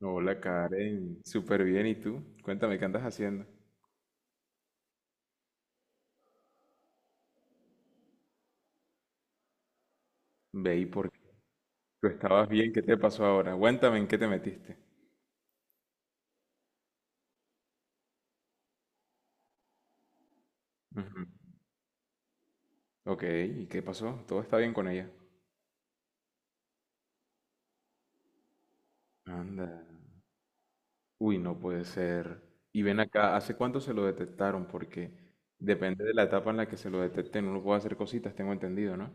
Hola Karen, súper bien. ¿Y tú? Cuéntame, ¿qué andas haciendo? Ve, ¿y por qué? Tú estabas bien, ¿qué te pasó ahora? Cuéntame, ¿en qué te metiste? Ujú. Ok, ¿y qué pasó? ¿Todo está bien con ella? Anda. Uy, no puede ser. Y ven acá, ¿hace cuánto se lo detectaron? Porque depende de la etapa en la que se lo detecten, uno puede hacer cositas, tengo entendido, ¿no?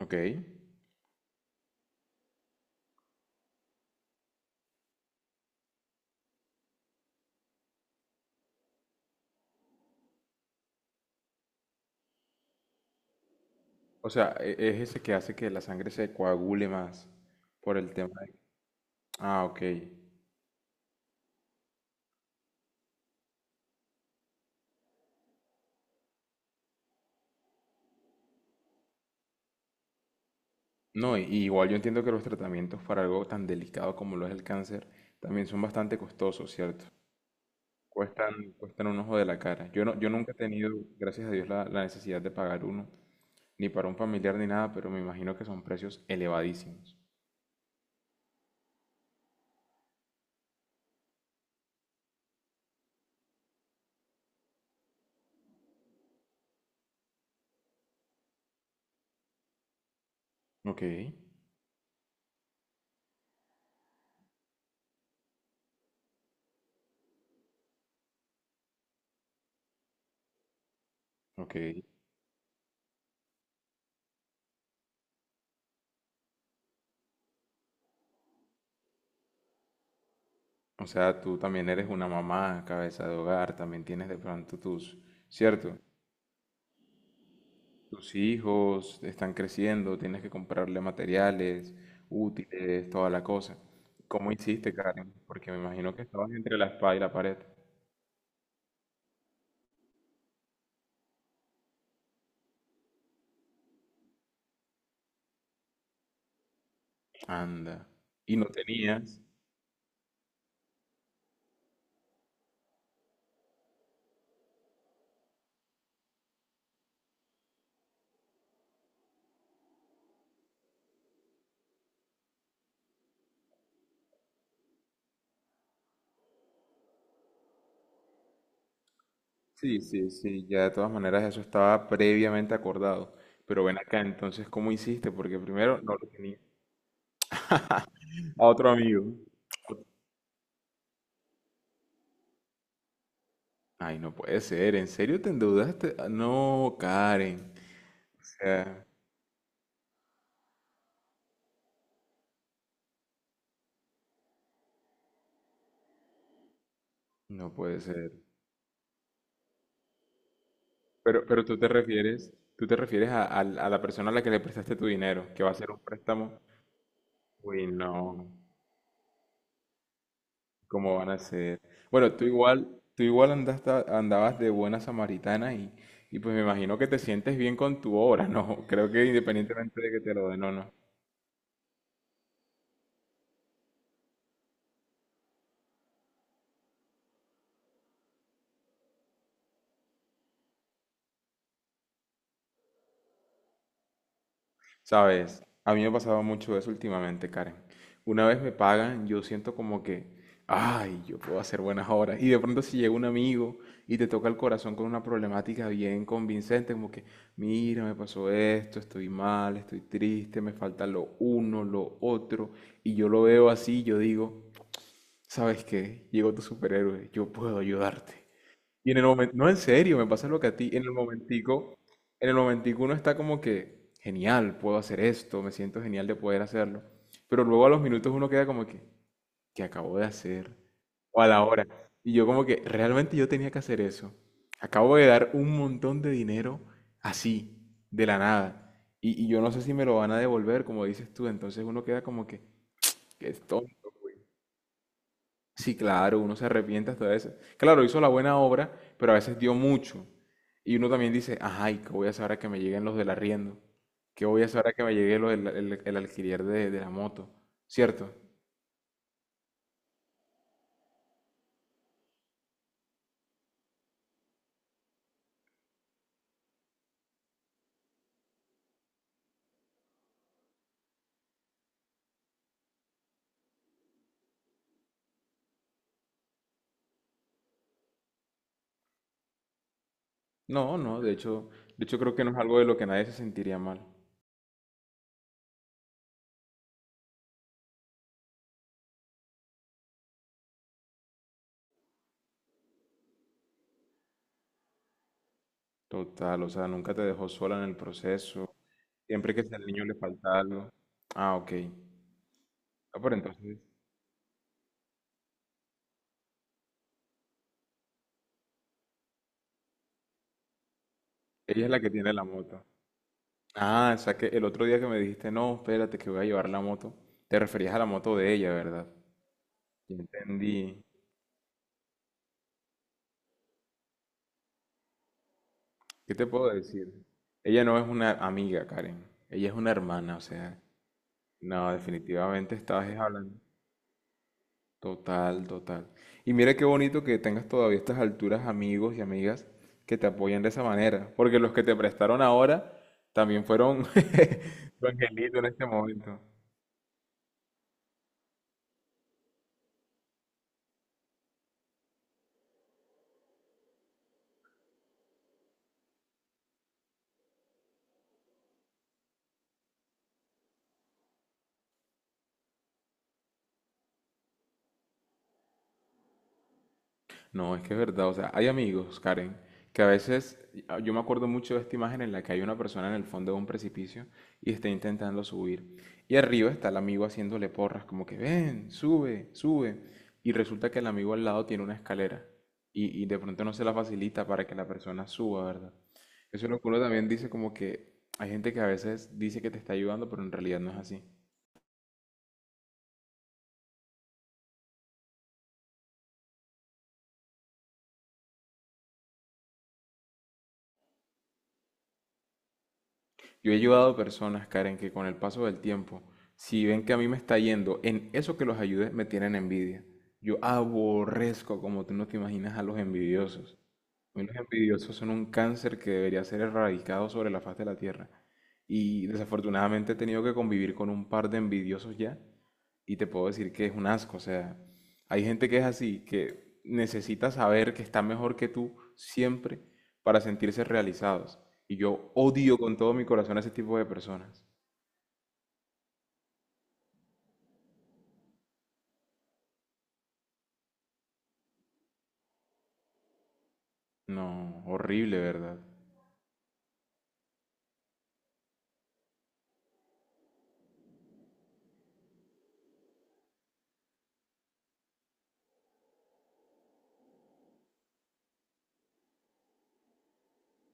Ok. O sea, es ese que hace que la sangre se coagule más por el tema de... Ah, ok. No, y igual yo entiendo que los tratamientos para algo tan delicado como lo es el cáncer también son bastante costosos, ¿cierto? Cuestan, cuestan un ojo de la cara. Yo no, yo nunca he tenido, gracias a Dios, la necesidad de pagar uno, ni para un familiar ni nada, pero me imagino que son precios elevadísimos. Ok, ok. O sea, tú también eres una mamá, cabeza de hogar, también tienes de pronto tus, ¿cierto? Tus hijos están creciendo, tienes que comprarle materiales, útiles, toda la cosa. ¿Cómo hiciste, Karen? Porque me imagino que estabas entre la espada y la pared. Anda. ¿Y no tenías? Sí, sí, sí, ya de todas maneras eso estaba previamente acordado. Pero ven acá, entonces, ¿cómo hiciste? Porque primero no lo tenía. A otro amigo. Ay, no puede ser, ¿en serio te endeudaste? Ah, no, Karen. O sea, no puede ser. Pero, pero tú te refieres a, a la persona a la que le prestaste tu dinero, que va a hacer un préstamo. Uy, no, ¿cómo van a ser? Bueno, tú igual andabas de buena samaritana y pues me imagino que te sientes bien con tu obra, ¿no? Creo que independientemente de que te lo den o no. Sabes, a mí me ha pasado mucho eso últimamente, Karen. Una vez me pagan, yo siento como que, ay, yo puedo hacer buenas horas. Y de pronto si llega un amigo y te toca el corazón con una problemática bien convincente, como que, mira, me pasó esto, estoy mal, estoy triste, me falta lo uno, lo otro. Y yo lo veo así, yo digo, ¿sabes qué? Llegó tu superhéroe, yo puedo ayudarte. Y en el momento, no en serio, me pasa lo que a ti, en el momentico uno está como que, genial, puedo hacer esto, me siento genial de poder hacerlo. Pero luego a los minutos uno queda como que, ¿qué acabo de hacer? O a la hora. Y yo como que, realmente yo tenía que hacer eso. Acabo de dar un montón de dinero así, de la nada. Y yo no sé si me lo van a devolver, como dices tú. Entonces uno queda como que. Sí, claro, uno se arrepiente hasta de eso. Claro, hizo la buena obra, pero a veces dio mucho. Y uno también dice, ay, ¿qué voy a hacer ahora que me lleguen los del arriendo? ¿Qué voy a hacer ahora que me llegue el alquiler de la moto? ¿Cierto? No, no, de hecho creo que no es algo de lo que nadie se sentiría mal. Total, o sea, nunca te dejó sola en el proceso. Siempre que al niño le falta algo. Ah, ok. Ah, pero entonces, ella es la que tiene la moto. Ah, o sea que el otro día que me dijiste, no, espérate que voy a llevar la moto, te referías a la moto de ella, ¿verdad? Ya entendí. ¿Qué te puedo decir? Ella no es una amiga, Karen. Ella es una hermana, o sea. No, definitivamente estabas es hablando. Total, total. Y mira qué bonito que tengas todavía a estas alturas amigos y amigas que te apoyan de esa manera. Porque los que te prestaron ahora también fueron tu angelito en este momento. No, es que es verdad. O sea, hay amigos, Karen, que a veces, ah, yo me acuerdo mucho de esta imagen en la que hay una persona en el fondo de un precipicio y está intentando subir. Y arriba está el amigo haciéndole porras, como que ven, sube, sube. Y resulta que el amigo al lado tiene una escalera y de pronto no se la facilita para que la persona suba, ¿verdad? Eso es lo que uno también dice como que hay gente que a veces dice que te está ayudando, pero en realidad no es así. Yo he ayudado a personas, Karen, que con el paso del tiempo, si ven que a mí me está yendo, en eso que los ayude, me tienen envidia. Yo aborrezco, como tú no te imaginas, a los envidiosos. A mí los envidiosos son un cáncer que debería ser erradicado sobre la faz de la tierra. Y desafortunadamente he tenido que convivir con un par de envidiosos ya. Y te puedo decir que es un asco. O sea, hay gente que es así, que necesita saber que está mejor que tú siempre para sentirse realizados. Y yo odio con todo mi corazón a ese tipo de personas. No, horrible, ¿verdad?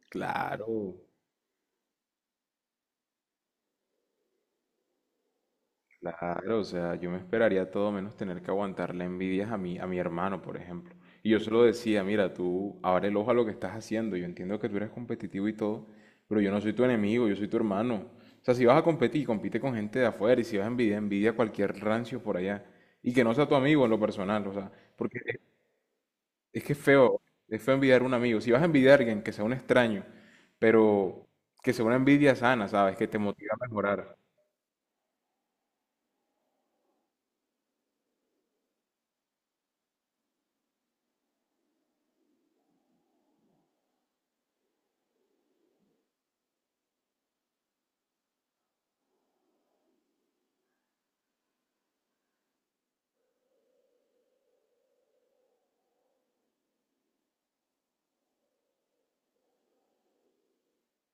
Claro, claro, o sea, yo me esperaría todo menos tener que aguantar la envidia a a mi hermano, por ejemplo. Y yo se lo decía, mira, tú abre el ojo a lo que estás haciendo, yo entiendo que tú eres competitivo y todo, pero yo no soy tu enemigo, yo soy tu hermano. O sea, si vas a competir, compite con gente de afuera y si vas a envidiar, envidia a cualquier rancio por allá. Y que no sea tu amigo en lo personal, o sea, porque es que es feo envidiar a un amigo. Si vas a envidiar a alguien, que sea un extraño, pero que sea una envidia sana, ¿sabes? Que te motiva a mejorar.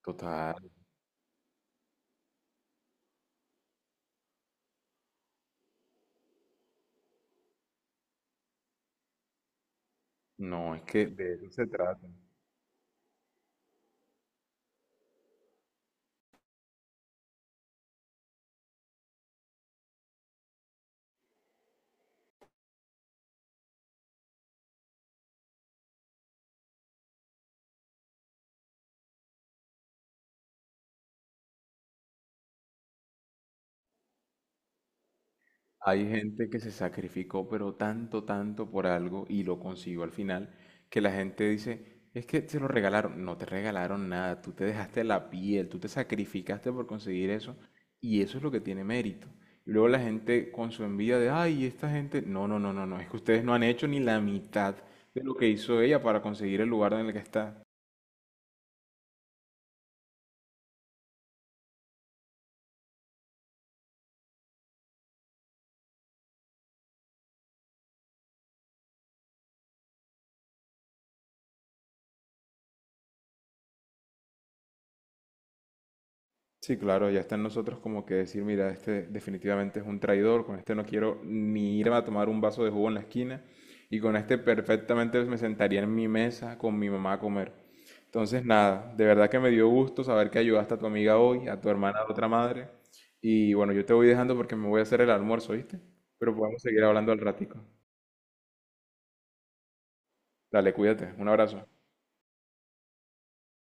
Total. No, es que hay gente que se sacrificó, pero tanto, tanto por algo y lo consiguió al final, que la gente dice, es que te lo regalaron. No te regalaron nada, tú te dejaste la piel, tú te sacrificaste por conseguir eso y eso es lo que tiene mérito. Y luego la gente con su envidia de, ay, esta gente, no, no, no, no, no, es que ustedes no han hecho ni la mitad de lo que hizo ella para conseguir el lugar en el que está. Sí, claro, ya está en nosotros como que decir, mira, este definitivamente es un traidor, con este no quiero ni irme a tomar un vaso de jugo en la esquina y con este perfectamente me sentaría en mi mesa con mi mamá a comer. Entonces, nada, de verdad que me dio gusto saber que ayudaste a tu amiga hoy, a tu hermana, a la otra madre. Y bueno, yo te voy dejando porque me voy a hacer el almuerzo, ¿viste? Pero podemos seguir hablando al ratico. Dale, cuídate, un abrazo.